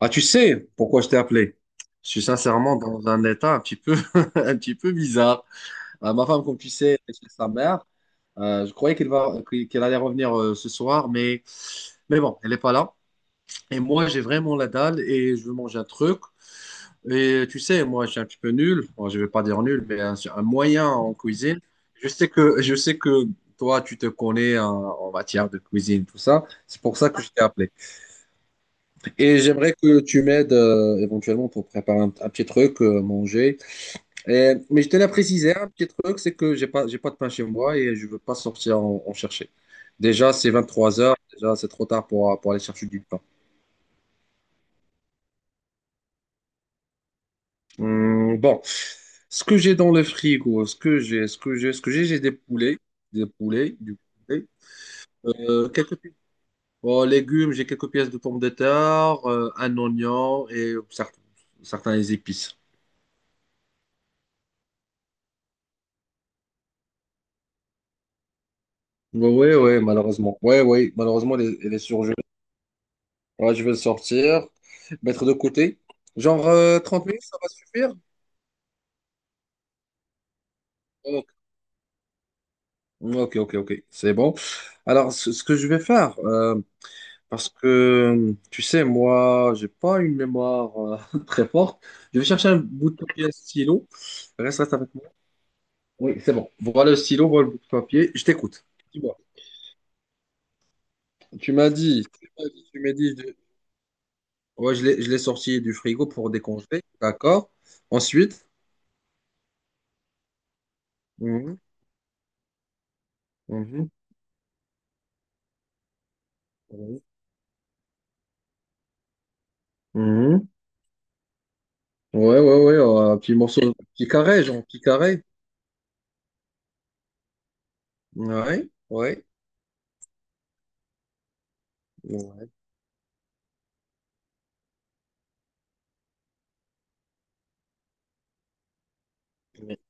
Ah, tu sais pourquoi je t'ai appelé? Je suis sincèrement dans un état un petit peu, un petit peu bizarre. Ma femme, comme tu sais, est chez sa mère. Je croyais qu'elle allait revenir ce soir, mais bon, elle n'est pas là. Et moi, j'ai vraiment la dalle et je veux manger un truc. Et tu sais, moi, je suis un petit peu nul. Bon, je ne vais pas dire nul, mais un moyen en cuisine. Je sais que toi, tu te connais en matière de cuisine, tout ça. C'est pour ça que je t'ai appelé. Et j'aimerais que tu m'aides éventuellement pour préparer un petit truc, manger. Mais je tenais à préciser un petit truc, c'est que j'ai pas de pain chez moi et je veux pas sortir en chercher. Déjà, c'est 23 heures, déjà c'est trop tard pour aller chercher du pain. Hum, bon, Ce que j'ai dans le frigo, ce que j'ai, ce que j'ai, ce que j'ai des poulets, du poulet, euh, quelques pi- bon, légumes, j'ai quelques pièces de pommes de terre, un oignon et certains épices. Bah ouais, ouais, malheureusement. Ouais, ouais, malheureusement, elle est surgelée. Ouais, je vais le sortir, mettre de côté. Genre 30 minutes, ça va suffire? Ok, ok, ok, ok, c'est bon. Alors, ce que je vais faire, parce que, tu sais, moi, j'ai pas une mémoire très forte. Je vais chercher un bout de papier, un stylo. Reste avec moi. Oui, c'est bon. Voilà le stylo, voilà le bout de papier. Je t'écoute. Dis-moi. Tu m'as dit, tu m'as dit, tu m'as dit, de- Ouais, je l'ai sorti du frigo pour décongeler. D'accord. Ensuite, mhm, mhm, mhm, mhm. Ouais, un petit morceau, un petit carré, genre, un petit carré. Ouais, ouais, ouais.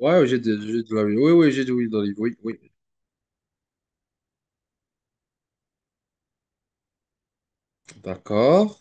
Ouais, j'ai de l'olive. Oui, oui, j'ai de l'huile d'olive. Oui, oui. D'accord.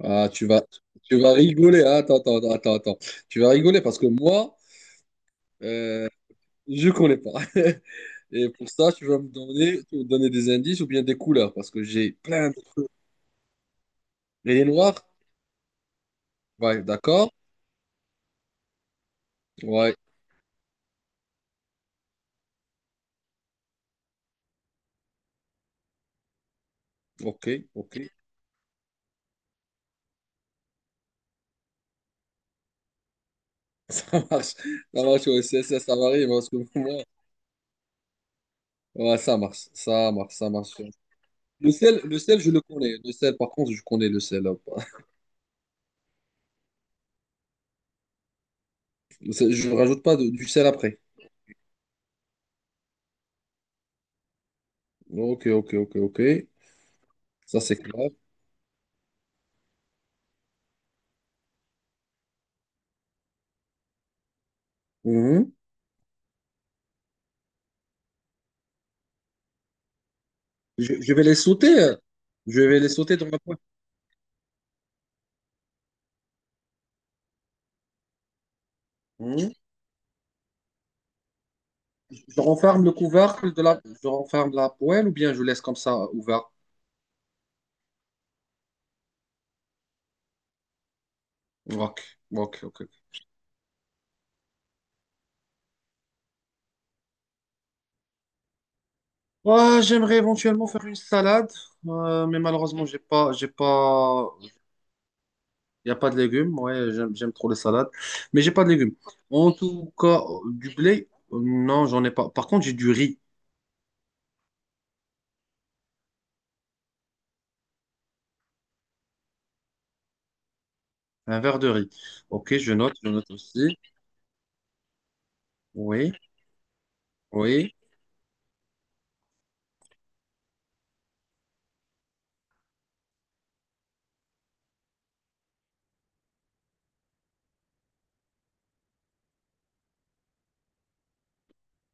Ah, tu vas rigoler, hein. Attends, attends, attends, attends. Tu vas rigoler parce que moi, euh, je connais pas. Et pour ça, tu vas me donner des indices ou bien des couleurs parce que j'ai plein de trucs. Les noirs? Ouais, d'accord. Ouais, ok, ok. Ça marche. Ça marche, ouais, ça, ça varie, mais en ce moment, ouais, ça marche. Ça marche, ça marche. Le sel, je le connais. Le sel, par contre, je connais le sel, hein. Le sel, je ne rajoute pas de- du sel après. Ok, ok, ok, ok. Ça, c'est clair. Mhm. Je vais les sauter, Je vais les sauter dans la poêle. Mhm. Je renferme le couvercle de la... Je renferme la poêle ou bien je laisse comme ça ouvert. Ok, ok, ok. Ouais, j'aimerais éventuellement faire une salade, mais malheureusement, j'ai pas. Il n'y a pas de légumes. Ouais, j'aime trop les salades. Mais j'ai pas de légumes. En tout cas, du blé, non, j'en ai pas. Par contre, j'ai du riz. Un verre de riz. Ok, je note aussi. Oui, oui.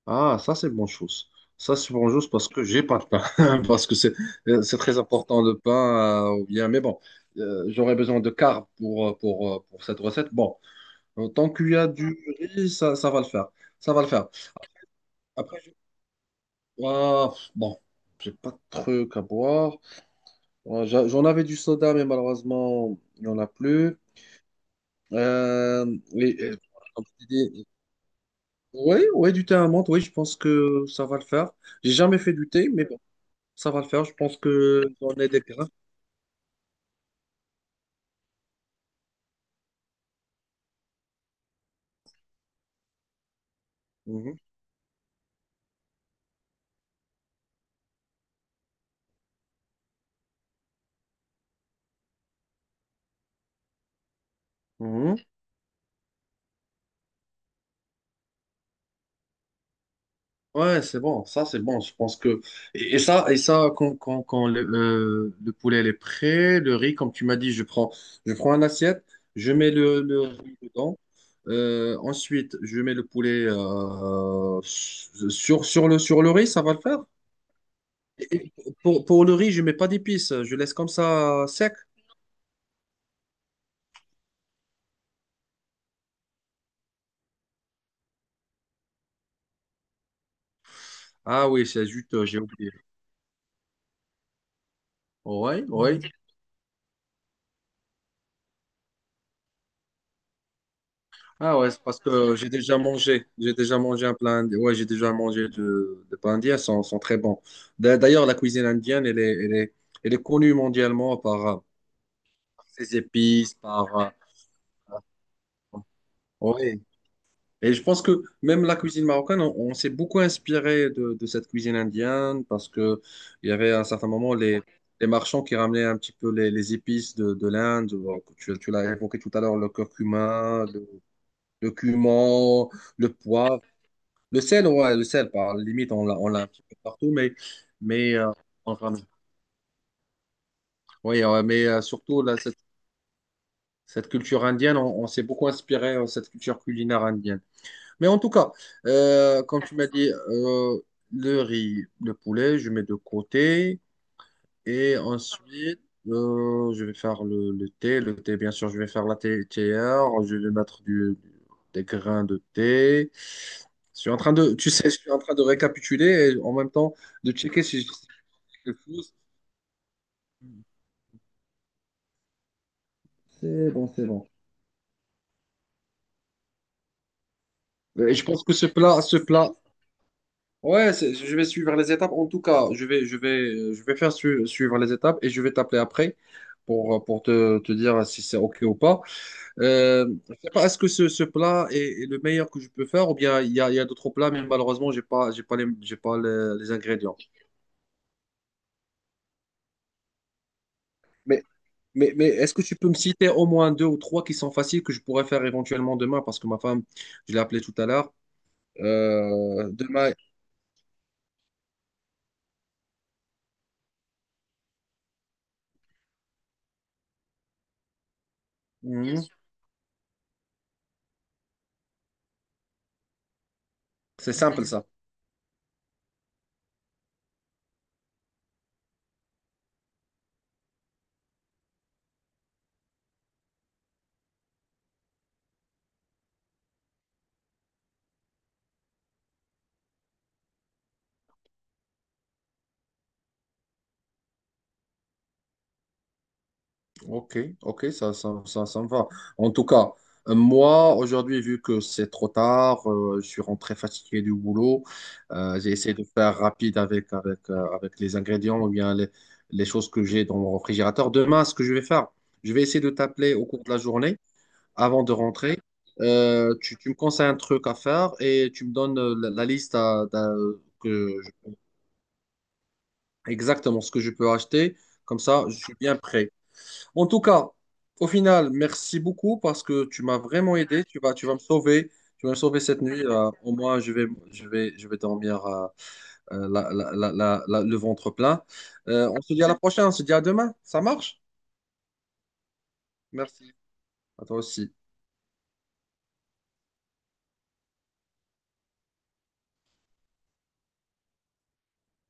Ah, ça, c'est bonne chose. Ça, c'est bonne chose parce que j'ai pas de pain. Parce que c'est très important le pain, ou bien, mais bon, j'aurais besoin de carbs pour cette recette. Bon, tant qu'il y a du riz, ça va le faire. Ça va le faire. Après, je- Ah, bon, j'ai pas de truc à boire. J'en avais du soda, mais malheureusement, il n'y en a plus. Euh, oui, euh, Comme je t'ai dit, oui, oui, du thé à la menthe, oui, je pense que ça va le faire. J'ai jamais fait du thé, mais bon, ça va le faire. Je pense que j'en ai des grains. Mhm. Mhm. Ouais, c'est bon, ça c'est bon, je pense que... Et, et ça quand, quand le poulet il est prêt, le riz, comme tu m'as dit, je prends une assiette, je mets le riz dedans. Ensuite je mets le poulet sur le riz, ça va le faire? Et pour le riz, je mets pas d'épices, je laisse comme ça sec. Ah oui, c'est juste, j'ai oublié. Ouais, ouais. Ah ouais, c'est parce que j'ai déjà mangé. J'ai déjà mangé un plat indien. Ouais, j'ai déjà mangé de plats indiens, sont, sont très bons. D'ailleurs, la cuisine indienne, elle est connue mondialement par ses épices, ouais. Et je pense que même la cuisine marocaine, on s'est beaucoup inspiré de cette cuisine indienne parce que il y avait à un certain moment les marchands qui ramenaient un petit peu les épices de l'Inde. Bon, tu l'as évoqué tout à l'heure, le cumin, le poivre. Le sel, ouais, le sel, par limite, on l'a un petit peu partout, mais on ramène. Oui, surtout, là, cette culture indienne, on s'est beaucoup inspiré de cette culture culinaire indienne. Mais en tout cas, comme tu m'as dit, le riz, le poulet, je mets de côté. Et ensuite, je vais faire le thé. Le thé, bien sûr, je vais faire la thé théière. Je vais mettre des grains de thé. Je suis en train de, tu sais, je suis en train de récapituler et en même temps de checker si je quelque chose. C'est bon, c'est bon. Je pense que ce plat, ouais, je vais suivre les étapes. En tout cas, je vais faire suivre les étapes et je vais t'appeler après te dire si c'est OK ou pas. Je sais pas, est-ce que ce plat est, est le meilleur que je peux faire ou bien il y a d'autres plats, mais malheureusement, j'ai pas les, les ingrédients. Mais, mais est-ce que tu peux me citer au moins deux ou trois qui sont faciles que je pourrais faire éventuellement demain parce que ma femme, je l'ai appelée tout à l'heure. Demain, mhm. C'est simple ça. Ok, ok, ça me va. En tout cas, moi, aujourd'hui, vu que c'est trop tard, je suis rentré fatigué du boulot, j'ai essayé de faire rapide avec les ingrédients ou bien les choses que j'ai dans mon réfrigérateur. Demain, ce que je vais faire, je vais essayer de t'appeler au cours de la journée avant de rentrer. Tu me conseilles un truc à faire et tu me donnes la liste que, je- exactement ce que je peux acheter. Comme ça, je suis bien prêt. En tout cas, au final, merci beaucoup parce que tu m'as vraiment aidé. Tu vas me sauver. Tu vas me sauver cette nuit, au moins, je vais dormir le ventre plein. On se dit à la prochaine. On se dit à demain. Ça marche? Merci. À toi aussi.